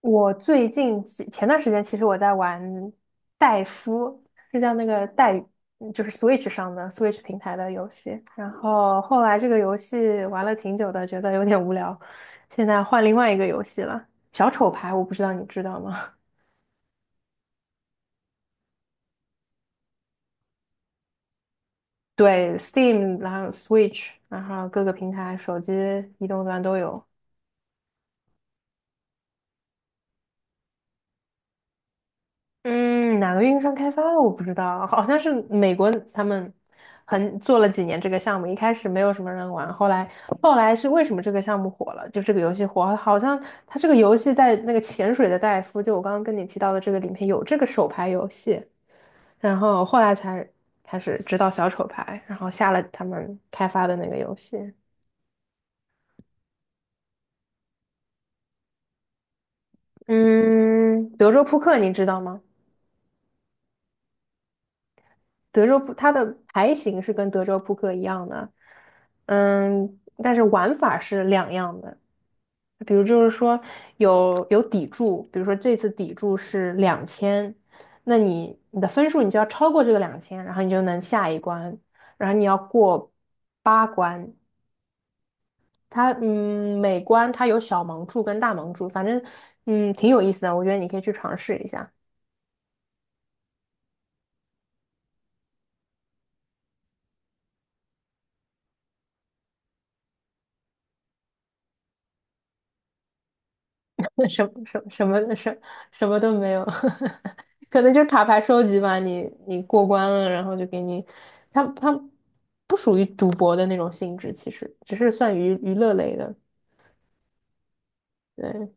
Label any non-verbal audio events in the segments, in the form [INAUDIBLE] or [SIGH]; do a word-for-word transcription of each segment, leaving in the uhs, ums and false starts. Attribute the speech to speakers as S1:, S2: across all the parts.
S1: 我最近几前段时间，其实我在玩戴夫，是叫那个戴，嗯就是 Switch 上的 Switch 平台的游戏。然后后来这个游戏玩了挺久的，觉得有点无聊，现在换另外一个游戏了，小丑牌，我不知道你知道吗？[LAUGHS] 对，Steam，然后 Switch，然后各个平台，手机、移动端都有。嗯，哪个运营商开发的我不知道，好像是美国他们很做了几年这个项目，一开始没有什么人玩，后来后来是为什么这个项目火了？就这个游戏火，好像它这个游戏在那个潜水的戴夫，就我刚刚跟你提到的这个里面有这个手牌游戏，然后后来才开始知道小丑牌，然后下了他们开发的那个游戏。嗯，德州扑克你知道吗？德州扑它的牌型是跟德州扑克一样的，嗯，但是玩法是两样的。比如就是说有有底注，比如说这次底注是两千，那你你的分数你就要超过这个两千，然后你就能下一关，然后你要过八关。它嗯每关它有小盲注跟大盲注，反正嗯挺有意思的，我觉得你可以去尝试一下。[LAUGHS] 那什么什么什么什什么都没有。[LAUGHS] 可能就是卡牌收集吧。你你过关了，然后就给你，它它不属于赌博的那种性质，其实只是算娱娱乐类的。对。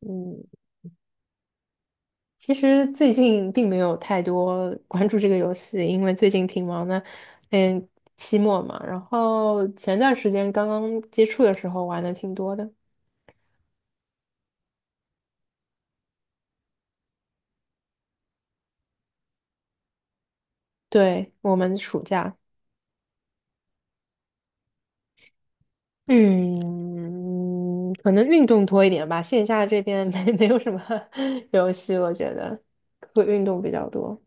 S1: 嗯，其实最近并没有太多 [LAUGHS] 关注这个游戏，因为最近挺忙的，嗯，期末嘛。然后前段时间刚刚接触的时候玩的挺多的，对，我们暑假。嗯，可能运动多一点吧，线下这边 [LAUGHS] 没没有什么 [LAUGHS] 游戏，我觉得会运动比较多。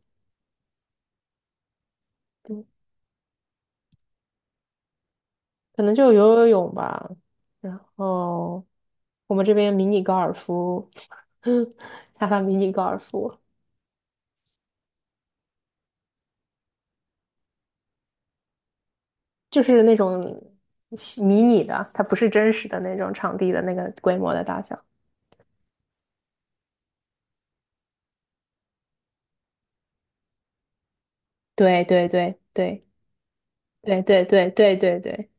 S1: 嗯，可能就游游泳吧，然后我们这边迷你高尔夫，[LAUGHS] 他发迷你高尔夫就是那种小迷你的，它不是真实的那种场地的那个规模的大小。对对对对对对对对对对，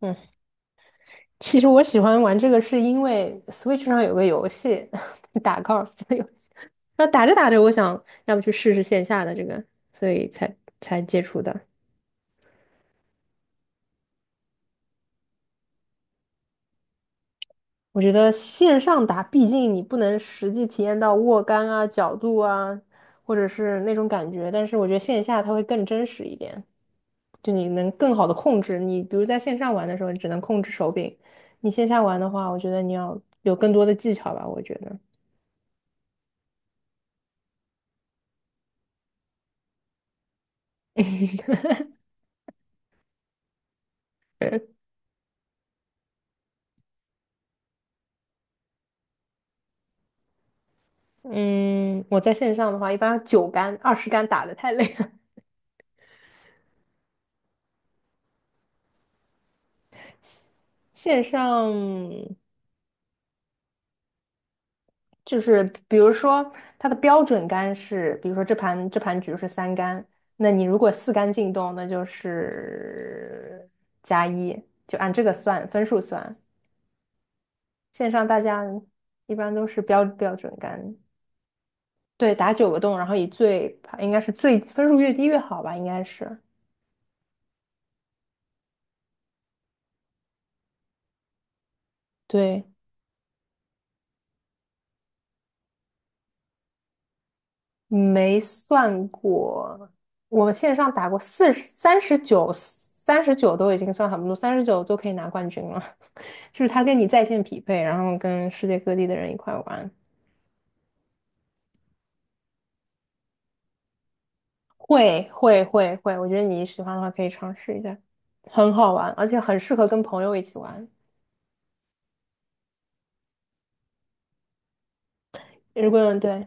S1: 嗯。其实我喜欢玩这个是因为 Switch 上有个游戏，[LAUGHS] 打 golf 的游戏。然后打着打着，我想要不去试试线下的这个，所以才才接触的。我觉得线上打，毕竟你不能实际体验到握杆啊、角度啊，或者是那种感觉。但是我觉得线下它会更真实一点，就你能更好的控制。你比如在线上玩的时候，你只能控制手柄；你线下玩的话，我觉得你要有更多的技巧吧，我觉得。[LAUGHS] 嗯，我在线上的话，一般九杆、二十杆打的太累了。[LAUGHS] 线上就是比如说它的标准杆是，比如说这盘这盘局是三杆，那你如果四杆进洞，那就是加一，就按这个算分数算。线上大家一般都是标标准杆，对，打九个洞，然后以最应该是最分数越低越好吧，应该是对。没算过，我线上打过四十，三十九，三十九都已经算很不错，三十九就可以拿冠军了。[LAUGHS] 就是他跟你在线匹配，然后跟世界各地的人一块玩，会会会会，我觉得你喜欢的话可以尝试一下，很好玩，而且很适合跟朋友一起玩。如果对。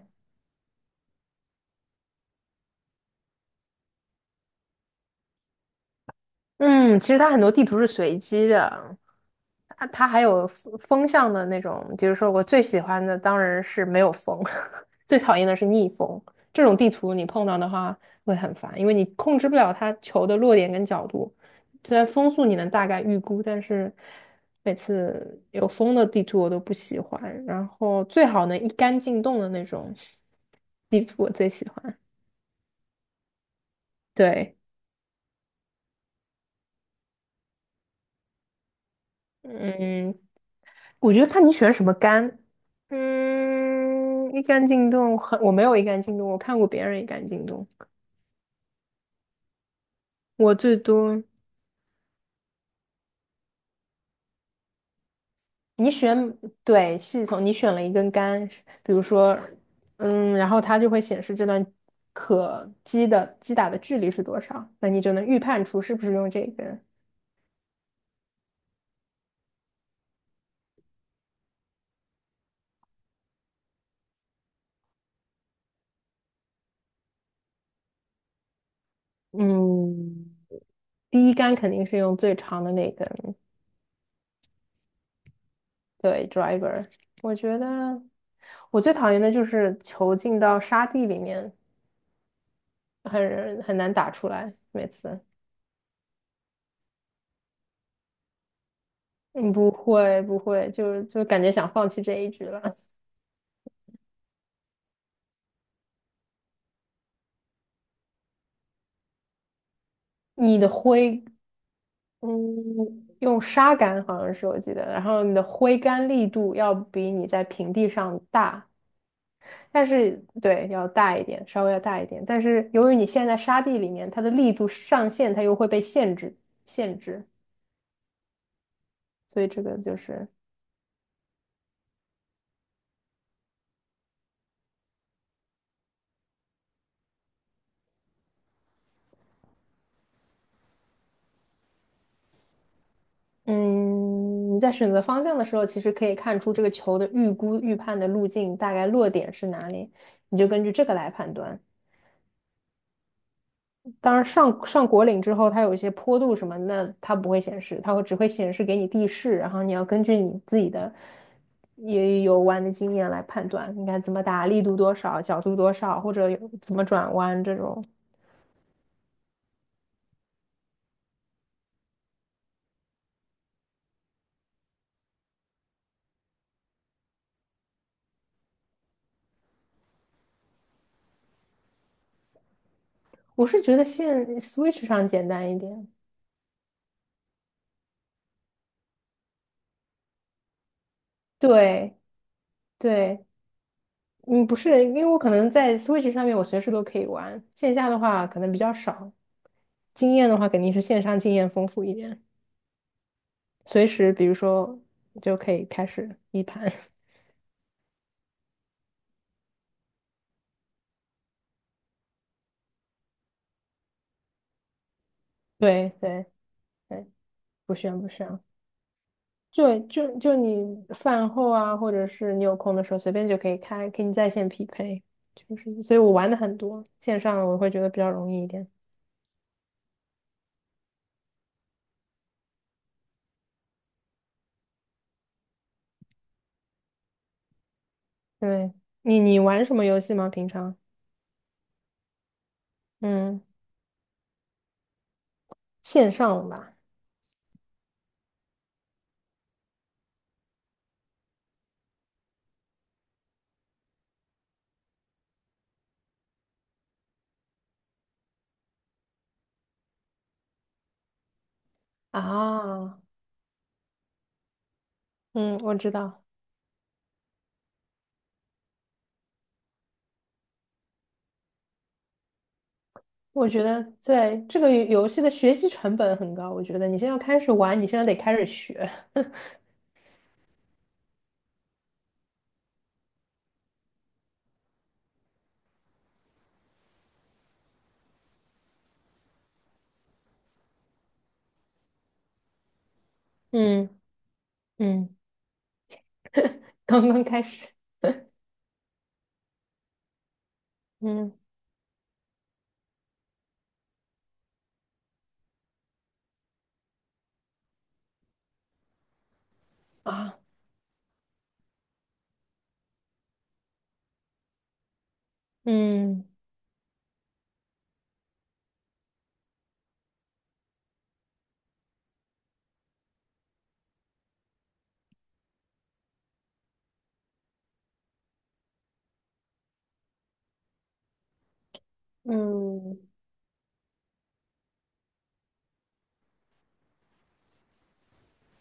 S1: 嗯，其实它很多地图是随机的，它它还有风风向的那种，就是说我最喜欢的当然是没有风，[LAUGHS] 最讨厌的是逆风。这种地图你碰到的话会很烦，因为你控制不了它球的落点跟角度。虽然风速你能大概预估，但是每次有风的地图我都不喜欢。然后最好能一杆进洞的那种地图我最喜欢。对。嗯，我觉得看你选什么杆。嗯，一杆进洞很，我没有一杆进洞，我看过别人一杆进洞。我最多你选对系统，你选了一根杆，比如说。嗯，然后它就会显示这段可击的击打的距离是多少，那你就能预判出是不是用这根。嗯，第一杆肯定是用最长的那根，对，driver。我觉得我最讨厌的就是球进到沙地里面，很很难打出来，每次。嗯，不会不会，就就感觉想放弃这一局了。你的挥，嗯，用沙杆好像是我记得，然后你的挥杆力度要比你在平地上大，但是对，要大一点，稍微要大一点。但是由于你现在在沙地里面，它的力度上限它又会被限制限制，所以这个就是。嗯，你在选择方向的时候，其实可以看出这个球的预估预判的路径大概落点是哪里，你就根据这个来判断。当然上上果岭之后，它有一些坡度什么，那它不会显示，它会只会显示给你地势，然后你要根据你自己的也有弯的经验来判断应该怎么打，力度多少，角度多少，或者有怎么转弯这种。我是觉得现 Switch 上简单一点，对对。嗯，不是，因为我可能在 Switch 上面我随时都可以玩，线下的话可能比较少。经验的话，肯定是线上经验丰富一点，随时比如说就可以开始一盘。[LAUGHS] 对对对，不需要不需要，就就就你饭后啊，或者是你有空的时候，随便就可以开，给你在线匹配，就是，所以我玩的很多，线上我会觉得比较容易一点。对，你你玩什么游戏吗？平常？嗯，线上吧。啊，嗯，我知道。我觉得在这个游戏的学习成本很高，我觉得你现在要开始玩，你现在得开始学。[LAUGHS] 嗯嗯刚刚开始嗯啊，嗯嗯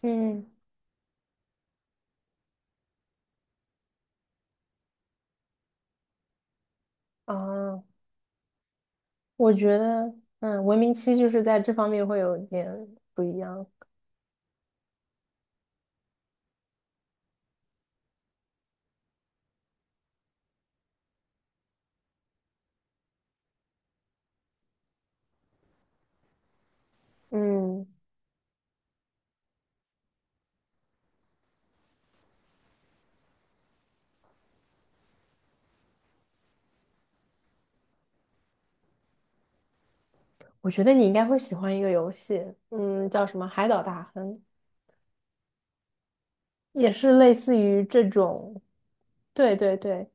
S1: 嗯啊，我觉得嗯，文明七就是在这方面会有点不一样。嗯，我觉得你应该会喜欢一个游戏，嗯，叫什么《海岛大亨》，也是类似于这种。对对对，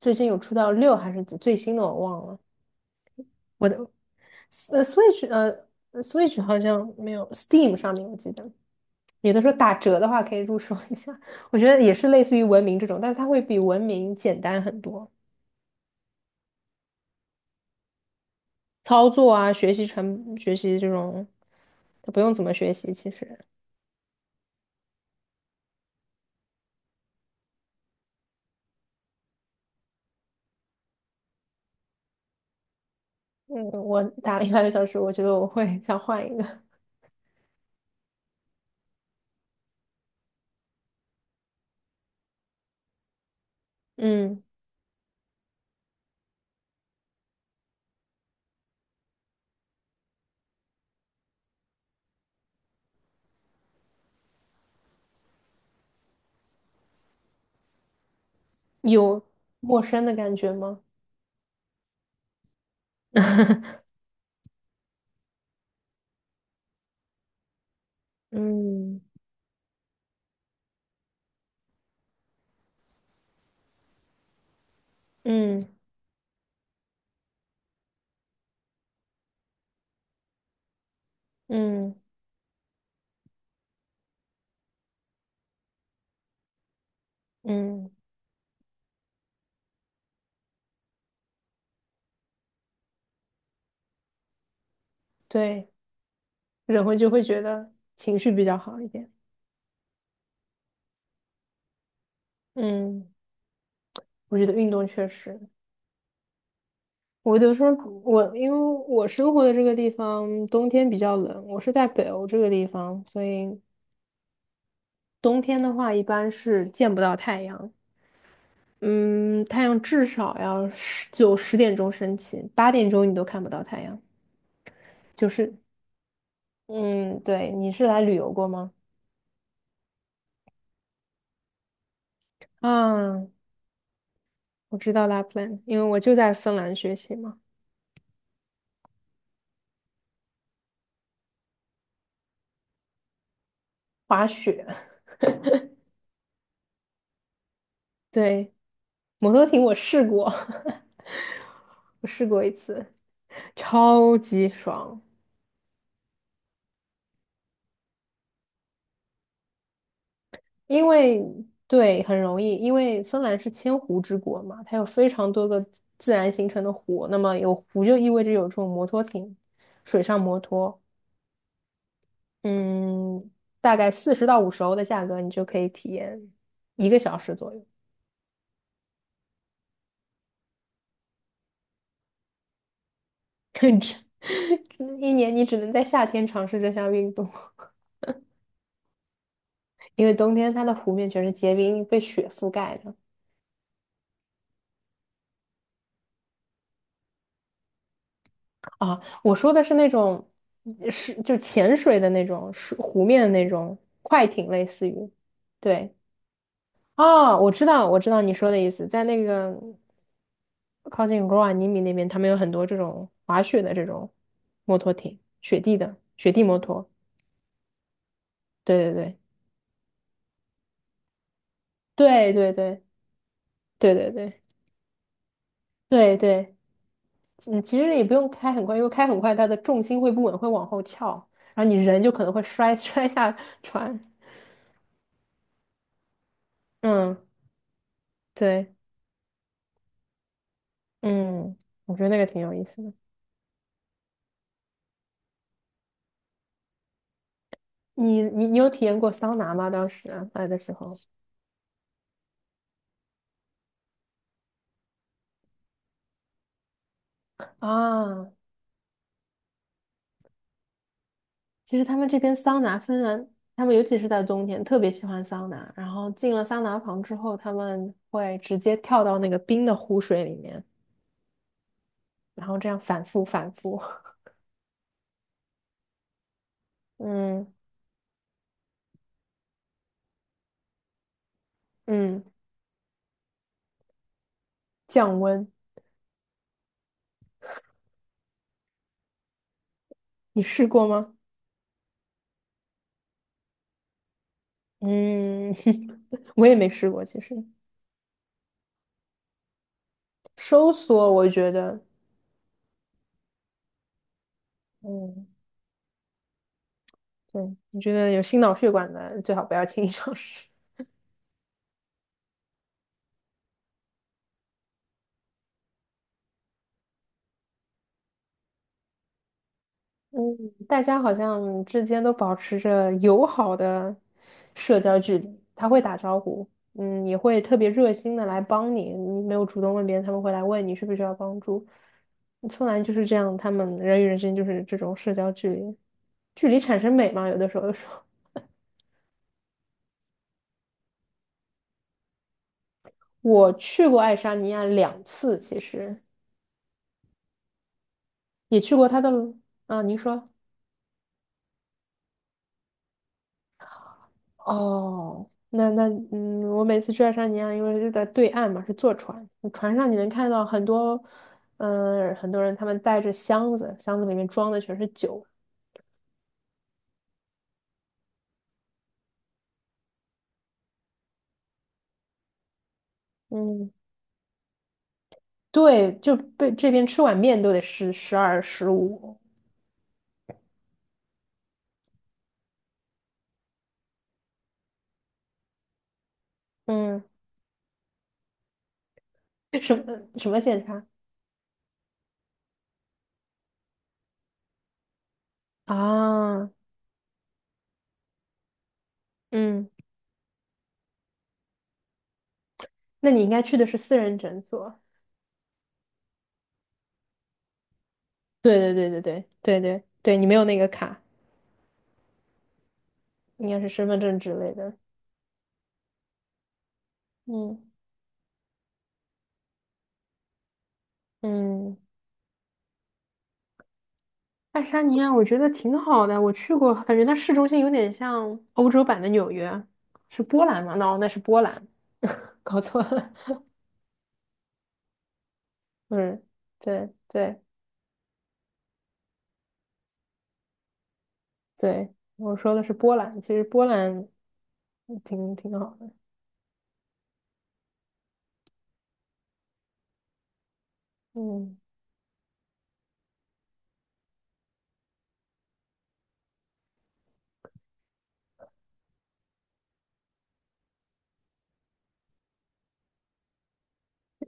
S1: 最近有出到六还是几最新的我忘了。我的。呃，Switch 呃 s w i t c h 好像没有，Steam 上面我记得有的时候打折的话可以入手一下，我觉得也是类似于文明这种，但是它会比文明简单很多，操作啊，学习成学习这种，它不用怎么学习。其实。嗯，我打了一百个小时，我觉得我会想换一个。嗯，有陌生的感觉吗？[LAUGHS] 嗯嗯嗯嗯，对，人会就会觉得情绪比较好一点。嗯。我觉得运动确实，我有时候我因为我生活的这个地方冬天比较冷，我是在北欧这个地方，所以冬天的话一般是见不到太阳。嗯，太阳至少要十九十点钟升起，八点钟你都看不到太阳。就是，嗯，对，你是来旅游过吗？啊，我知道 Lapland，因为我就在芬兰学习嘛，滑雪。对，摩托艇我试过，[LAUGHS] 我试过一次，超级爽。因为对，很容易，因为芬兰是千湖之国嘛，它有非常多个自然形成的湖，那么有湖就意味着有这种摩托艇，水上摩托。嗯，大概四十到五十欧的价格，你就可以体验一个小时左右。[LAUGHS] 甚至一年你只能在夏天尝试这项运动，因为冬天它的湖面全是结冰，被雪覆盖的。啊，我说的是那种，嗯，是就潜水的那种，是湖面的那种快艇，类似于。对，哦，我知道，我知道你说的意思，在那个靠近罗瓦尼米那边，他们有很多这种滑雪的这种摩托艇，雪地的雪地摩托。对对对对对对对对对对对。嗯，其实也不用开很快，因为开很快它的重心会不稳，会往后翘，然后你人就可能会摔 [LAUGHS] 摔下船。嗯，对。嗯，我觉得那个挺有意思的。你你你有体验过桑拿吗？当时来的时候啊，其实他们这边桑拿，芬兰他们尤其是在冬天特别喜欢桑拿，然后进了桑拿房之后，他们会直接跳到那个冰的湖水里面，然后这样反复反复。[LAUGHS] 嗯嗯，降温。你试过吗？嗯，[LAUGHS] 我也没试过，其实收缩，我觉得。嗯，对，你觉得有心脑血管的最好不要轻易尝试。嗯，大家好像之间都保持着友好的社交距离，他会打招呼，嗯，也会特别热心的来帮你，你没有主动问别人，他们会来问你需不需要帮助。芬兰就是这样，他们人与人之间就是这种社交距离，距离产生美嘛，有的时候就说，[LAUGHS] 我去过爱沙尼亚两次，其实也去过他的，啊，您说。哦，那那嗯，我每次去爱沙尼亚，因为是在对岸嘛，是坐船，船上你能看到很多，嗯、很多人他们带着箱子，箱子里面装的全是酒。嗯，对，就被这边吃碗面都得十十二十五。嗯，[LAUGHS] 什么什么检查啊？嗯，那你应该去的是私人诊所。对对对对对对对对，你没有那个卡，应该是身份证之类的。嗯嗯。爱沙尼亚我觉得挺好的，我去过，感觉它市中心有点像欧洲版的纽约，是波兰吗？no,那是波兰，搞错了。[LAUGHS] 嗯，对对对，我说的是波兰，其实波兰挺挺好的。嗯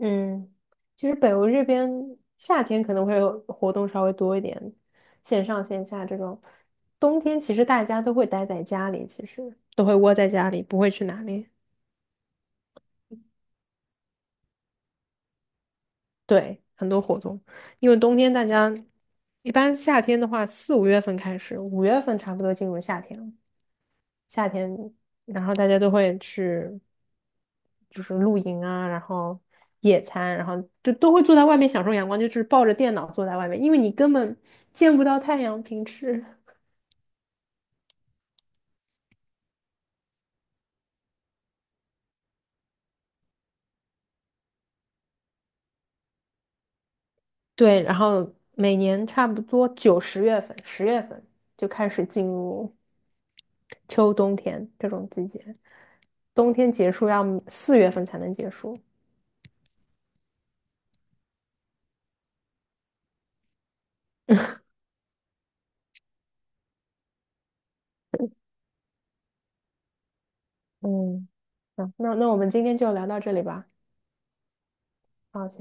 S1: 嗯，其实北欧这边夏天可能会有活动稍微多一点，线上线下这种，冬天其实大家都会待在家里，其实都会窝在家里，不会去哪里。对，很多活动，因为冬天大家一般夏天的话，四五月份开始，五月份差不多进入夏天了。夏天，然后大家都会去就是露营啊，然后野餐，然后就都会坐在外面享受阳光，就是抱着电脑坐在外面，因为你根本见不到太阳，平时。对，然后每年差不多九十月份、十月份就开始进入秋冬天这种季节，冬天结束要四月份才能结束。嗯，嗯，那那我们今天就聊到这里吧。好，谢谢